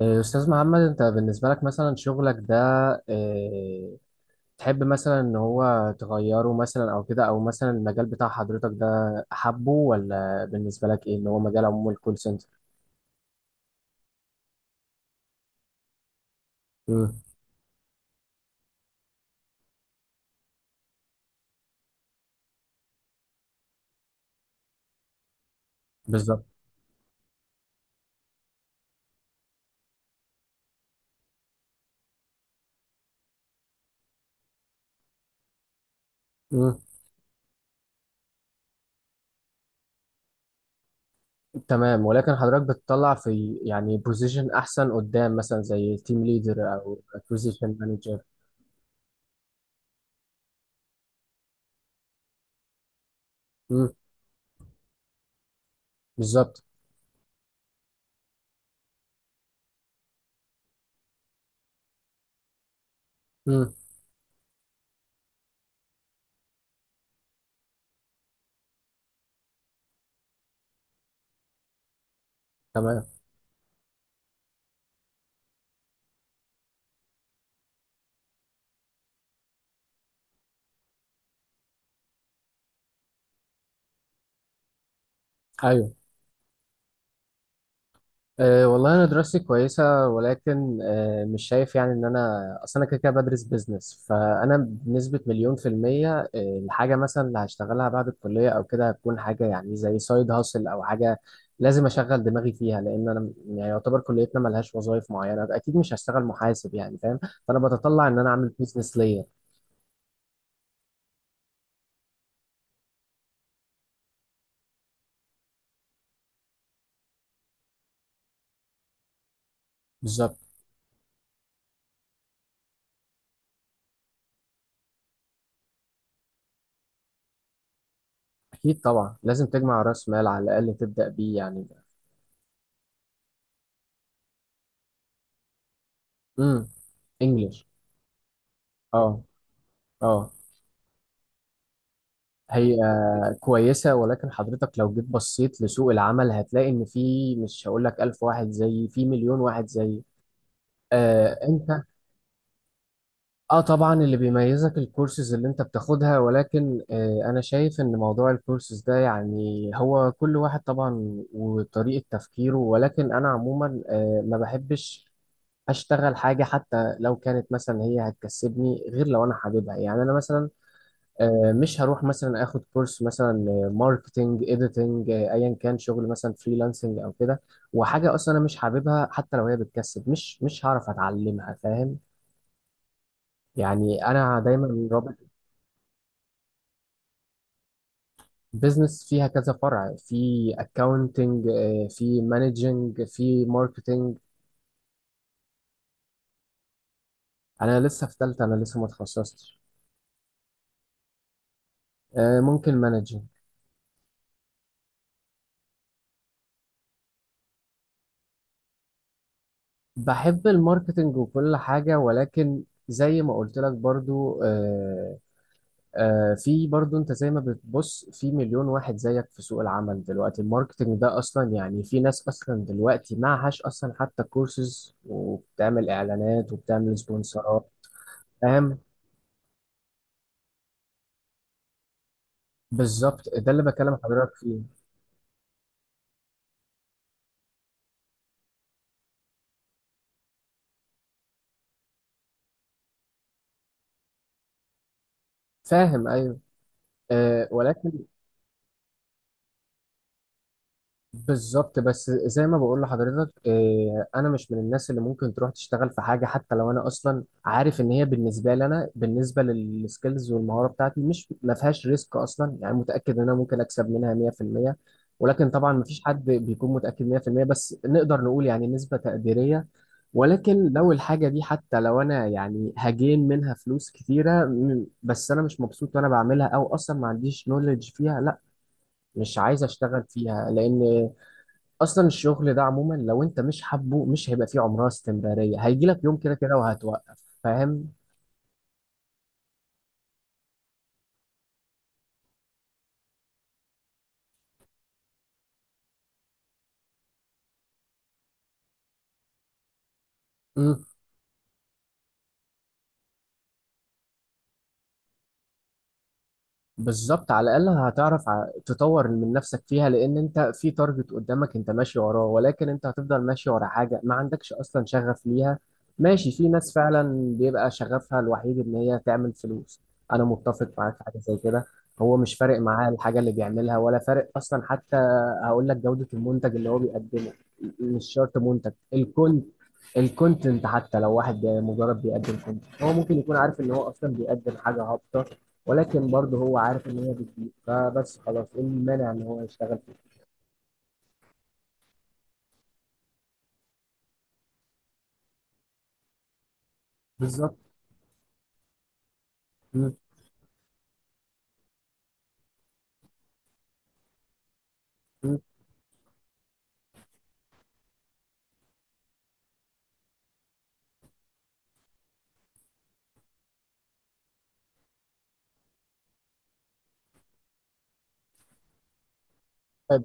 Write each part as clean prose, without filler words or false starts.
إيه، أستاذ محمد، أنت بالنسبة لك مثلا شغلك ده إيه، تحب مثلا إن هو تغيره مثلا أو كده أو مثلا المجال بتاع حضرتك ده أحبه ولا بالنسبة لك إيه إن هو مجال عموم الكول سنتر؟ مم. بالظبط. مم. تمام، ولكن حضرتك بتطلع في يعني بوزيشن أحسن قدام مثلا زي تيم ليدر أو أكوزيشن مانجر؟ مم. بالظبط. مم. تمام. أيوه. أه، والله أنا دراستي كويسة، ولكن مش شايف يعني إن أنا أصل أنا كده كده بدرس بيزنس، فأنا بنسبة 1000000%. الحاجة مثلا اللي هشتغلها بعد الكلية أو كده هتكون حاجة يعني زي سايد هاسل، أو حاجة لازم أشغل دماغي فيها، لأن أنا يعني يعتبر كليتنا ملهاش وظائف معينة، أكيد مش هشتغل محاسب، يعني فاهم. فأنا بتطلع إن أنا أعمل بيزنس ليا. بالظبط. أكيد طبعا، لازم تجمع رأس مال على الأقل تبدأ بيه يعني. امم. إنجلش. أه. أه. هي كويسة، ولكن حضرتك لو جيت بصيت لسوق العمل هتلاقي إن في، مش هقول لك 1000 واحد زيي، في 1000000 واحد زيي. آه، أنت. آه، طبعا اللي بيميزك الكورسز اللي أنت بتاخدها، ولكن أنا شايف إن موضوع الكورسز ده يعني هو كل واحد طبعا وطريقة تفكيره، ولكن أنا عموما ما بحبش أشتغل حاجة، حتى لو كانت مثلا هي هتكسبني، غير لو أنا حاببها. يعني أنا مثلا مش هروح مثلا اخد كورس مثلا ماركتنج، اديتنج، ايا كان شغل مثلا فريلانسنج او كده، وحاجه اصلا انا مش حاببها. حتى لو هي بتكسب، مش هعرف اتعلمها، فاهم. يعني انا دايما رابط. بزنس فيها كذا فرع، في اكاونتنج، في مانجنج، في ماركتنج. انا لسه في ثالثه، انا لسه ما اتخصصتش. آه، ممكن مانجنج. بحب الماركتنج وكل حاجه، ولكن زي ما قلت لك برضو، في برضو انت زي ما بتبص في 1000000 واحد زيك في سوق العمل دلوقتي. الماركتنج ده اصلا يعني في ناس اصلا دلوقتي معهاش اصلا حتى كورسز، وبتعمل اعلانات وبتعمل سبونسرات. فاهم. بالظبط، ده اللي بكلم حضرتك فيه. فاهم، ايوه. أه، ولكن. بالظبط، بس زي ما بقول لحضرتك، انا مش من الناس اللي ممكن تروح تشتغل في حاجه، حتى لو انا اصلا عارف ان هي بالنسبه لي، انا بالنسبه للسكيلز والمهاره بتاعتي، مش ما فيهاش ريسك، اصلا يعني متاكد ان انا ممكن اكسب منها 100%. ولكن طبعا ما فيش حد بيكون متاكد 100%، بس نقدر نقول يعني نسبه تقديريه. ولكن لو الحاجه دي، حتى لو انا يعني هجين منها فلوس كتيره بس انا مش مبسوط وانا بعملها، او اصلا ما عنديش نولج فيها، لا، مش عايز اشتغل فيها. لان اصلا الشغل ده عموما لو انت مش حابه مش هيبقى فيه عمرها استمراريه، هيجي لك يوم كده كده وهتوقف، فاهم. مم. بالظبط، على الاقل هتعرف تطور من نفسك فيها، لان انت في تارجت قدامك انت ماشي وراه، ولكن انت هتفضل ماشي ورا حاجه ما عندكش اصلا شغف ليها. ماشي، في ناس فعلا بيبقى شغفها الوحيد ان هي تعمل فلوس. انا متفق معاك في حاجه زي كده. هو مش فارق معاه الحاجه اللي بيعملها، ولا فارق اصلا حتى، هقول لك جوده المنتج اللي هو بيقدمه. مش شرط منتج الكونتنت، حتى لو واحد مجرد بيقدم كونتنت، هو ممكن يكون عارف ان هو اصلا بيقدم حاجه هابطه، ولكن برضه هو عارف ان هي بتجيب، فبس خلاص ايه المانع ان هو يشتغل فيه. بالظبط. مم. مم. طيب.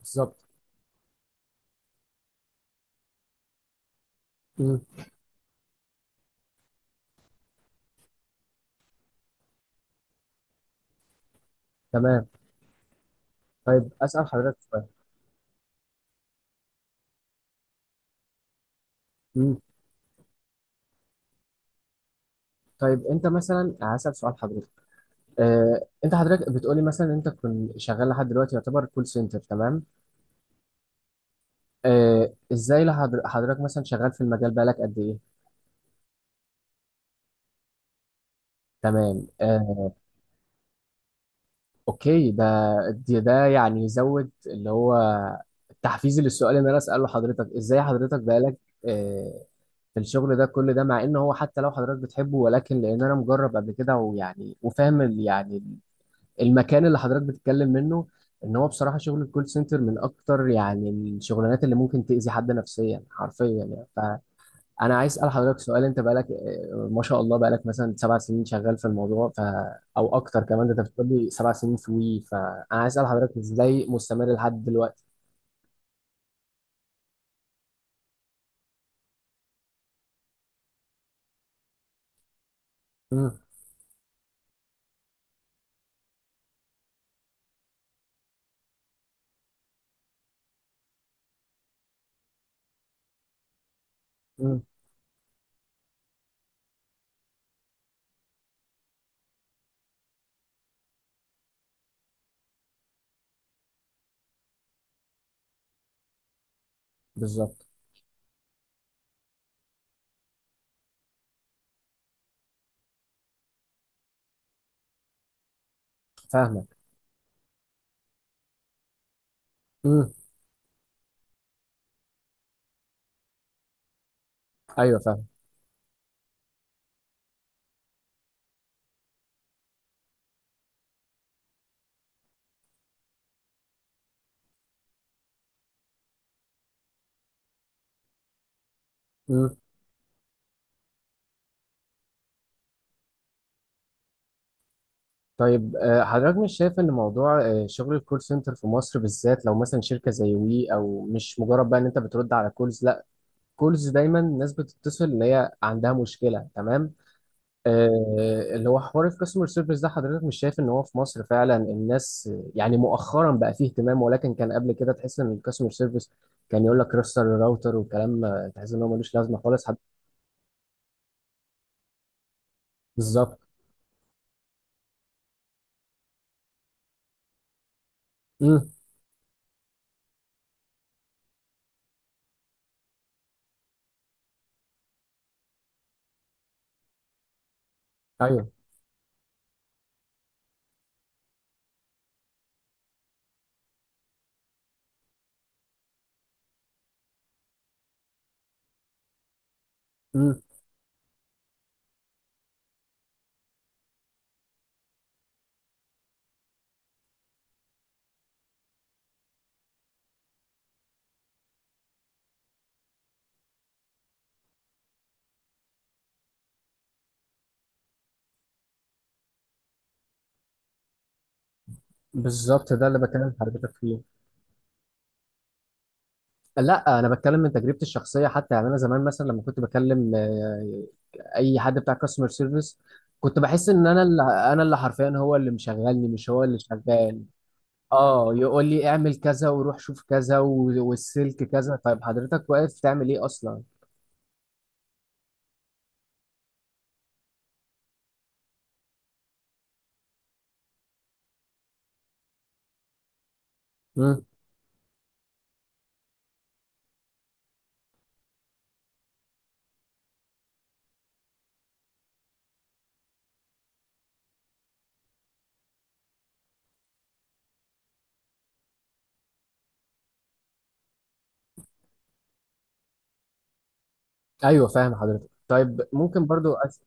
بالظبط. مم. تمام. طيب اسال حضرتك سؤال. مم. طيب انت مثلا هسال سؤال حضرتك، انت حضرتك بتقولي مثلا انت كنت شغال لحد دلوقتي يعتبر كول سنتر، تمام. ازاي حضرتك مثلا شغال في المجال بقالك قد ايه؟ تمام. اوكي، ده يعني يزود اللي هو التحفيز للسؤال اللي انا اساله حضرتك، ازاي حضرتك بقالك آه، في الشغل ده كل ده، مع ان هو حتى لو حضرتك بتحبه، ولكن لان انا مجرب قبل كده، ويعني وفاهم يعني المكان اللي حضرتك بتتكلم منه، ان هو بصراحة شغل الكول سنتر من اكتر يعني الشغلانات اللي ممكن تأذي حد نفسيا حرفيا. يعني انا عايز اسال حضرتك سؤال، انت بقالك ما شاء الله بقالك مثلا 7 سنين شغال في الموضوع، ف او اكتر كمان، ده انت بتقول لي 7 سنين في وي، فانا عايز اسال حضرتك ازاي مستمر لحد دلوقتي؟ امم. امم. بالظبط. فاهمك. امم. ايوه فاهم. امم. طيب، حضرتك مش شايف ان موضوع شغل الكول سنتر في مصر بالذات، لو مثلا شركه زي وي، او مش مجرد بقى ان انت بترد على كولز لا، كولز دايما الناس بتتصل ان هي عندها مشكله، تمام. آه، اللي هو حوار الكاستمر سيرفيس ده، حضرتك مش شايف ان هو في مصر فعلا الناس، يعني مؤخرا بقى فيه اهتمام، ولكن كان قبل كده تحس ان الكاستمر سيرفيس كان يقول لك رستر الراوتر وكلام، تحس ان هو ملوش لازمه خالص، حد. بالظبط. امم. ايوه. امم. بالظبط، ده اللي بكلم حضرتك فيه. لا، انا بتكلم من تجربتي الشخصيه، حتى يعني انا زمان مثلا لما كنت بكلم اي حد بتاع كاستمر سيرفيس كنت بحس ان انا اللي حرفيا هو اللي مشغلني مش هو اللي شغال. اه، يقول لي اعمل كذا، وروح شوف كذا، والسلك كذا، طيب حضرتك واقف تعمل ايه اصلا؟ امم. ايوه فاهم حضرتك. طيب ممكن برضو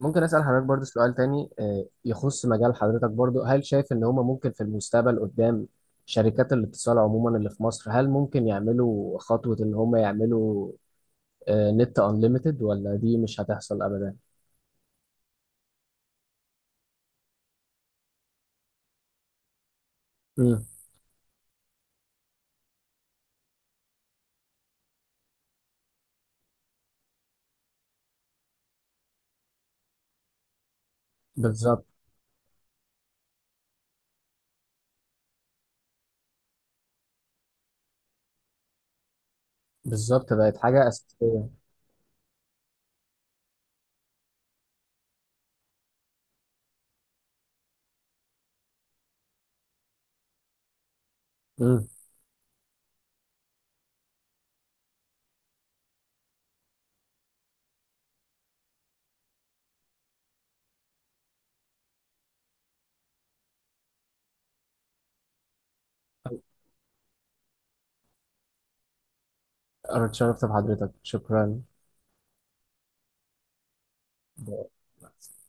ممكن اسال حضرتك برضو سؤال تاني، يخص مجال حضرتك برضو، هل شايف ان هما ممكن في المستقبل قدام شركات الاتصال عموما اللي في مصر هل ممكن يعملوا خطوة ان هما يعملوا نت انليميتد، ولا دي مش هتحصل ابدا؟ امم. بالظبط. بالظبط، بقت حاجة اساسية. امم. أردت شرفت بحضرتك، شكرا.